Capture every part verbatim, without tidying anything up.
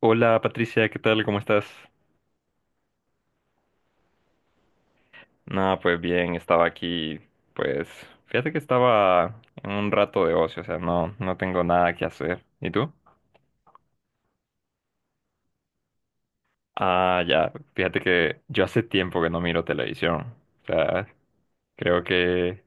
Hola Patricia, ¿qué tal? ¿Cómo estás? No, pues bien, estaba aquí, pues fíjate que estaba en un rato de ocio, o sea, no, no tengo nada que hacer. ¿Y tú? Ah, ya, fíjate que yo hace tiempo que no miro televisión, o sea, creo que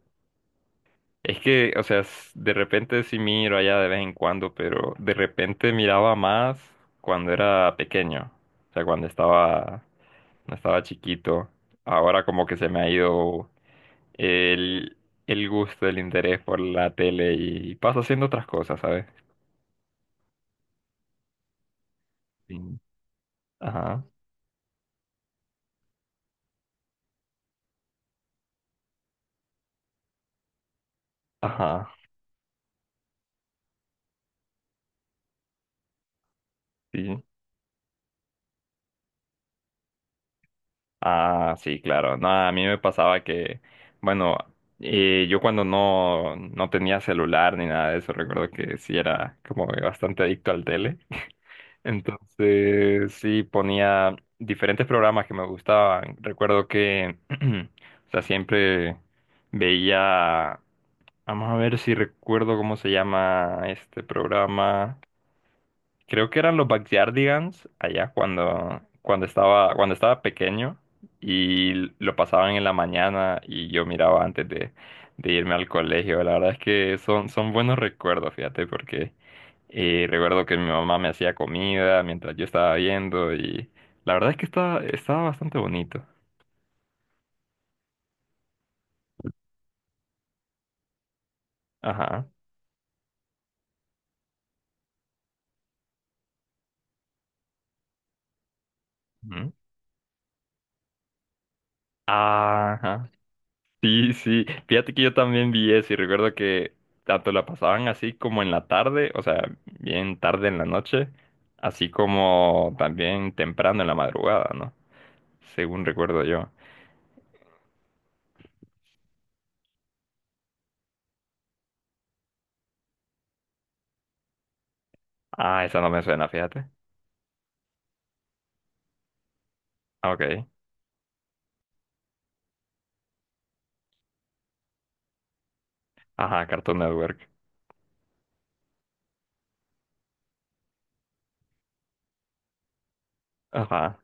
es que, o sea, s- de repente sí miro allá de vez en cuando, pero de repente miraba más cuando era pequeño, o sea, cuando estaba, cuando estaba chiquito. Ahora como que se me ha ido el, el gusto, el interés por la tele y paso haciendo otras cosas, ¿sabes? Sí. Ajá, ajá, sí. Ah, sí, claro. No, a mí me pasaba que, bueno, eh, yo cuando no, no tenía celular ni nada de eso, recuerdo que sí era como que bastante adicto al tele. Entonces, sí, ponía diferentes programas que me gustaban. Recuerdo que, o sea, siempre veía. Vamos a ver si recuerdo cómo se llama este programa. Creo que eran los Backyardigans allá cuando, cuando estaba, cuando estaba pequeño y lo pasaban en la mañana y yo miraba antes de, de irme al colegio. La verdad es que son, son buenos recuerdos, fíjate, porque eh, recuerdo que mi mamá me hacía comida mientras yo estaba viendo y la verdad es que estaba, estaba bastante bonito. Ajá. Ujú. Ajá. Sí, sí, fíjate que yo también vi eso y recuerdo que tanto la pasaban así como en la tarde, o sea, bien tarde en la noche, así como también temprano en la madrugada, ¿no? Según recuerdo yo. Ah, esa no me suena, fíjate. Ah, ok. Ajá, Cartoon Network. Ajá.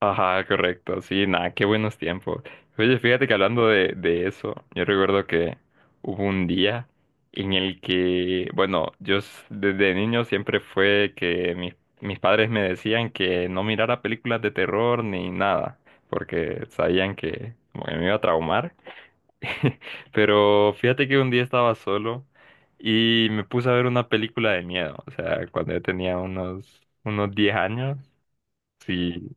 Ajá, correcto. Sí, nada, qué buenos tiempos. Oye, fíjate que hablando de, de eso, yo recuerdo que hubo un día en el que, bueno, yo s- desde niño siempre fue que mis, mis padres me decían que no mirara películas de terror ni nada, porque sabían que como que me iba a traumar. Pero fíjate que un día estaba solo y me puse a ver una película de miedo, o sea, cuando yo tenía unos, unos diez años. Sí,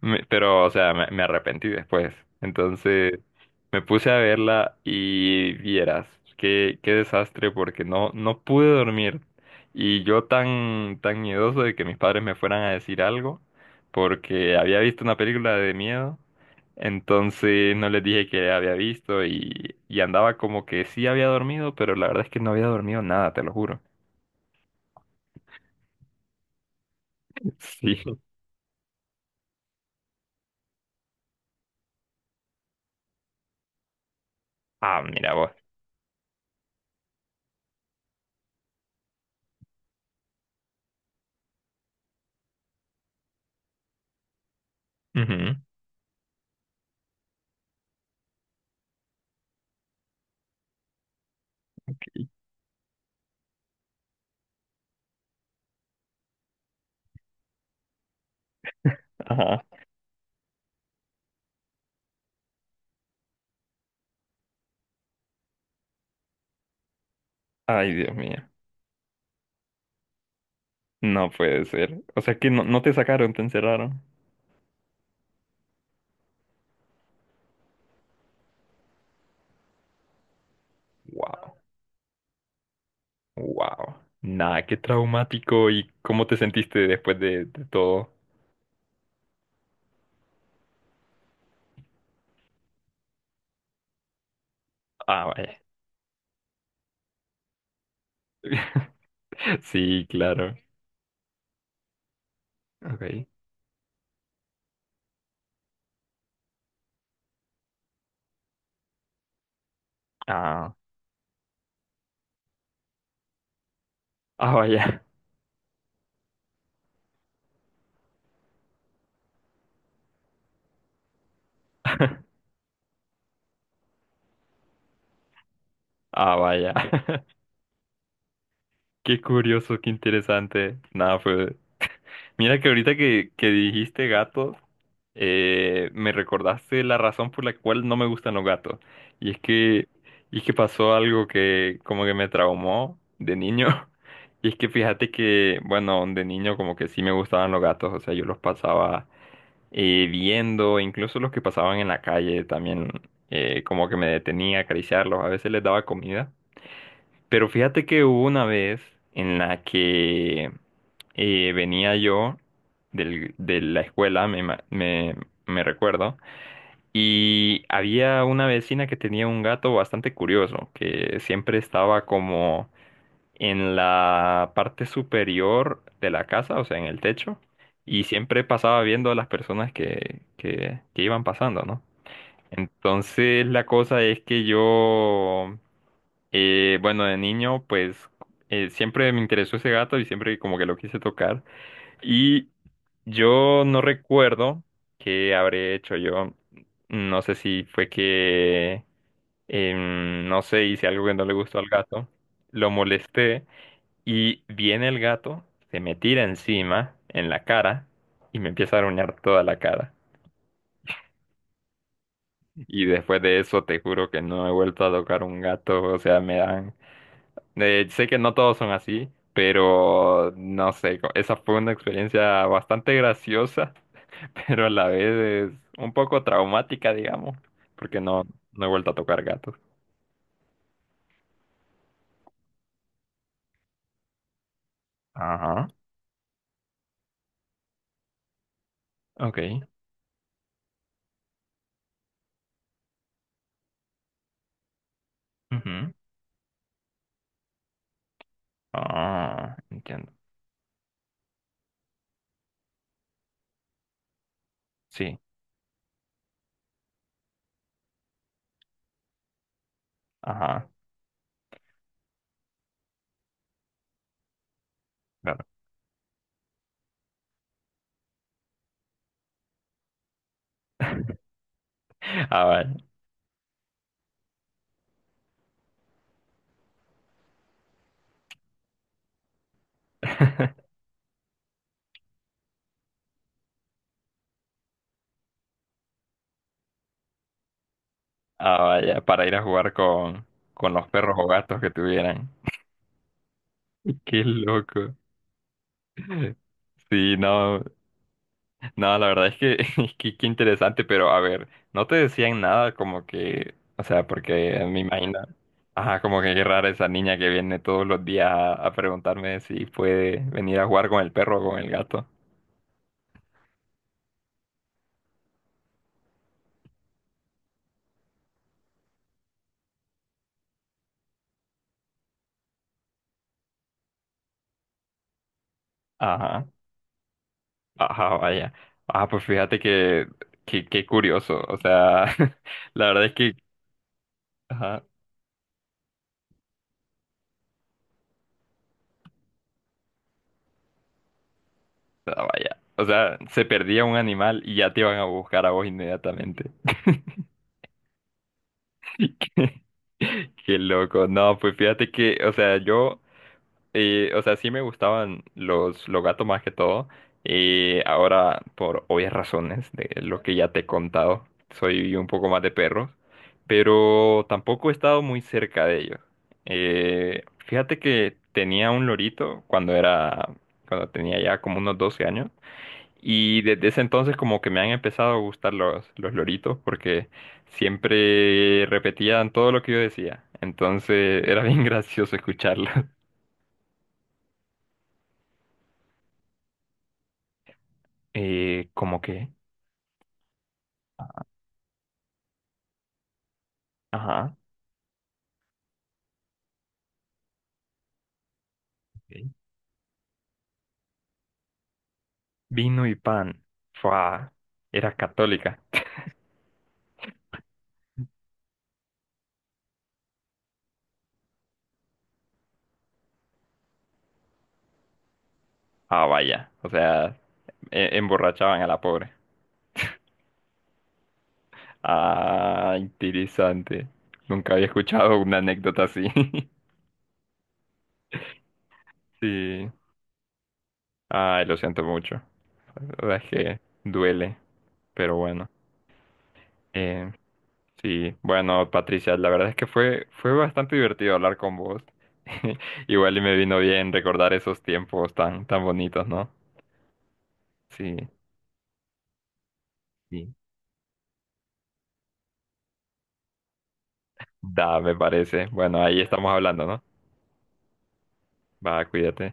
me- pero, o sea, me, me arrepentí después. Entonces, me puse a verla y vieras, qué, qué desastre, porque no, no pude dormir. Y yo tan, tan miedoso de que mis padres me fueran a decir algo, porque había visto una película de miedo, entonces no les dije que había visto y, y andaba como que sí había dormido, pero la verdad es que no había dormido nada, te lo juro. Sí. Ah, mira vos. Ujú. Ajá. Ay, Dios mío. No puede ser. O sea que no, no te sacaron, te encerraron. Wow, wow. Nah, qué traumático. ¿Y cómo te sentiste después de, de todo? Ah, vaya. Sí, claro. Ok. Ah, ah, vaya. Ah, vaya. Qué curioso, qué interesante. Nada, fue, mira que ahorita que, que dijiste gatos, eh, me recordaste la razón por la cual no me gustan los gatos. Y es que, y es que pasó algo que como que me traumó de niño. Y es que fíjate que, bueno, de niño como que sí me gustaban los gatos. O sea, yo los pasaba eh, viendo, incluso los que pasaban en la calle también eh, como que me detenía a acariciarlos. A veces les daba comida. Pero fíjate que hubo una vez en la que eh, venía yo del- de la escuela, me, ma- me, me recuerdo, y había una vecina que tenía un gato bastante curioso, que siempre estaba como en la parte superior de la casa, o sea, en el techo, y siempre pasaba viendo a las personas que, que, que iban pasando, ¿no? Entonces la cosa es que yo eh, bueno, de niño, pues eh, siempre me interesó ese gato y siempre como que lo quise tocar. Y yo no recuerdo qué habré hecho yo. No sé si fue que, em, no sé, hice algo que no le gustó al gato. Lo molesté y viene el gato, se me tira encima, en la cara, y me empieza a arañar toda la cara. Y después de eso, te juro que no he vuelto a tocar un gato. O sea, me dan Eh, sé que no todos son así, pero no sé, co- esa fue una experiencia bastante graciosa, pero a la vez es un poco traumática, digamos, porque no, no he vuelto a tocar gatos. Ajá. Ok. Ujú, ah, entiendo. Sí. Ajá. Claro. Ah, vaya. Ah, vaya, para ir a jugar con, con los perros o gatos que tuvieran. Qué loco. Sí, no. No, la verdad es que, es que qué interesante, pero a ver, no te decían nada como que, o sea, porque me imagino, ajá, como que qué rara esa niña que viene todos los días a, a preguntarme si puede venir a jugar con el perro o con el gato. Ajá, ajá, vaya. Ah, pues fíjate que, que, qué curioso, o sea, la verdad es que, ajá, ah, vaya, o sea, se perdía un animal y ya te iban a buscar a vos inmediatamente. Qué loco, no, pues fíjate que, o sea, yo y, o sea, sí me gustaban los, los gatos más que todo. Y ahora, por obvias razones de lo que ya te he contado, soy un poco más de perros. Pero tampoco he estado muy cerca de ellos. Eh, fíjate que tenía un lorito cuando era, cuando tenía ya como unos doce años. Y desde ese entonces como que me han empezado a gustar los, los loritos porque siempre repetían todo lo que yo decía. Entonces era bien gracioso escucharlos. Eh, como que, ajá, ok. Vino y pan. Fua, era católica. Ah, vaya, o sea, e- emborrachaban a la pobre. Ah, interesante. Nunca había escuchado una anécdota así. Sí. Ay, lo siento mucho. La verdad es que duele, pero bueno. Eh, sí, bueno, Patricia, la verdad es que fue, fue bastante divertido hablar con vos. Igual y me vino bien recordar esos tiempos tan, tan bonitos, ¿no? Sí, sí. Da, me parece. Bueno, ahí estamos hablando, ¿no? Va, cuídate.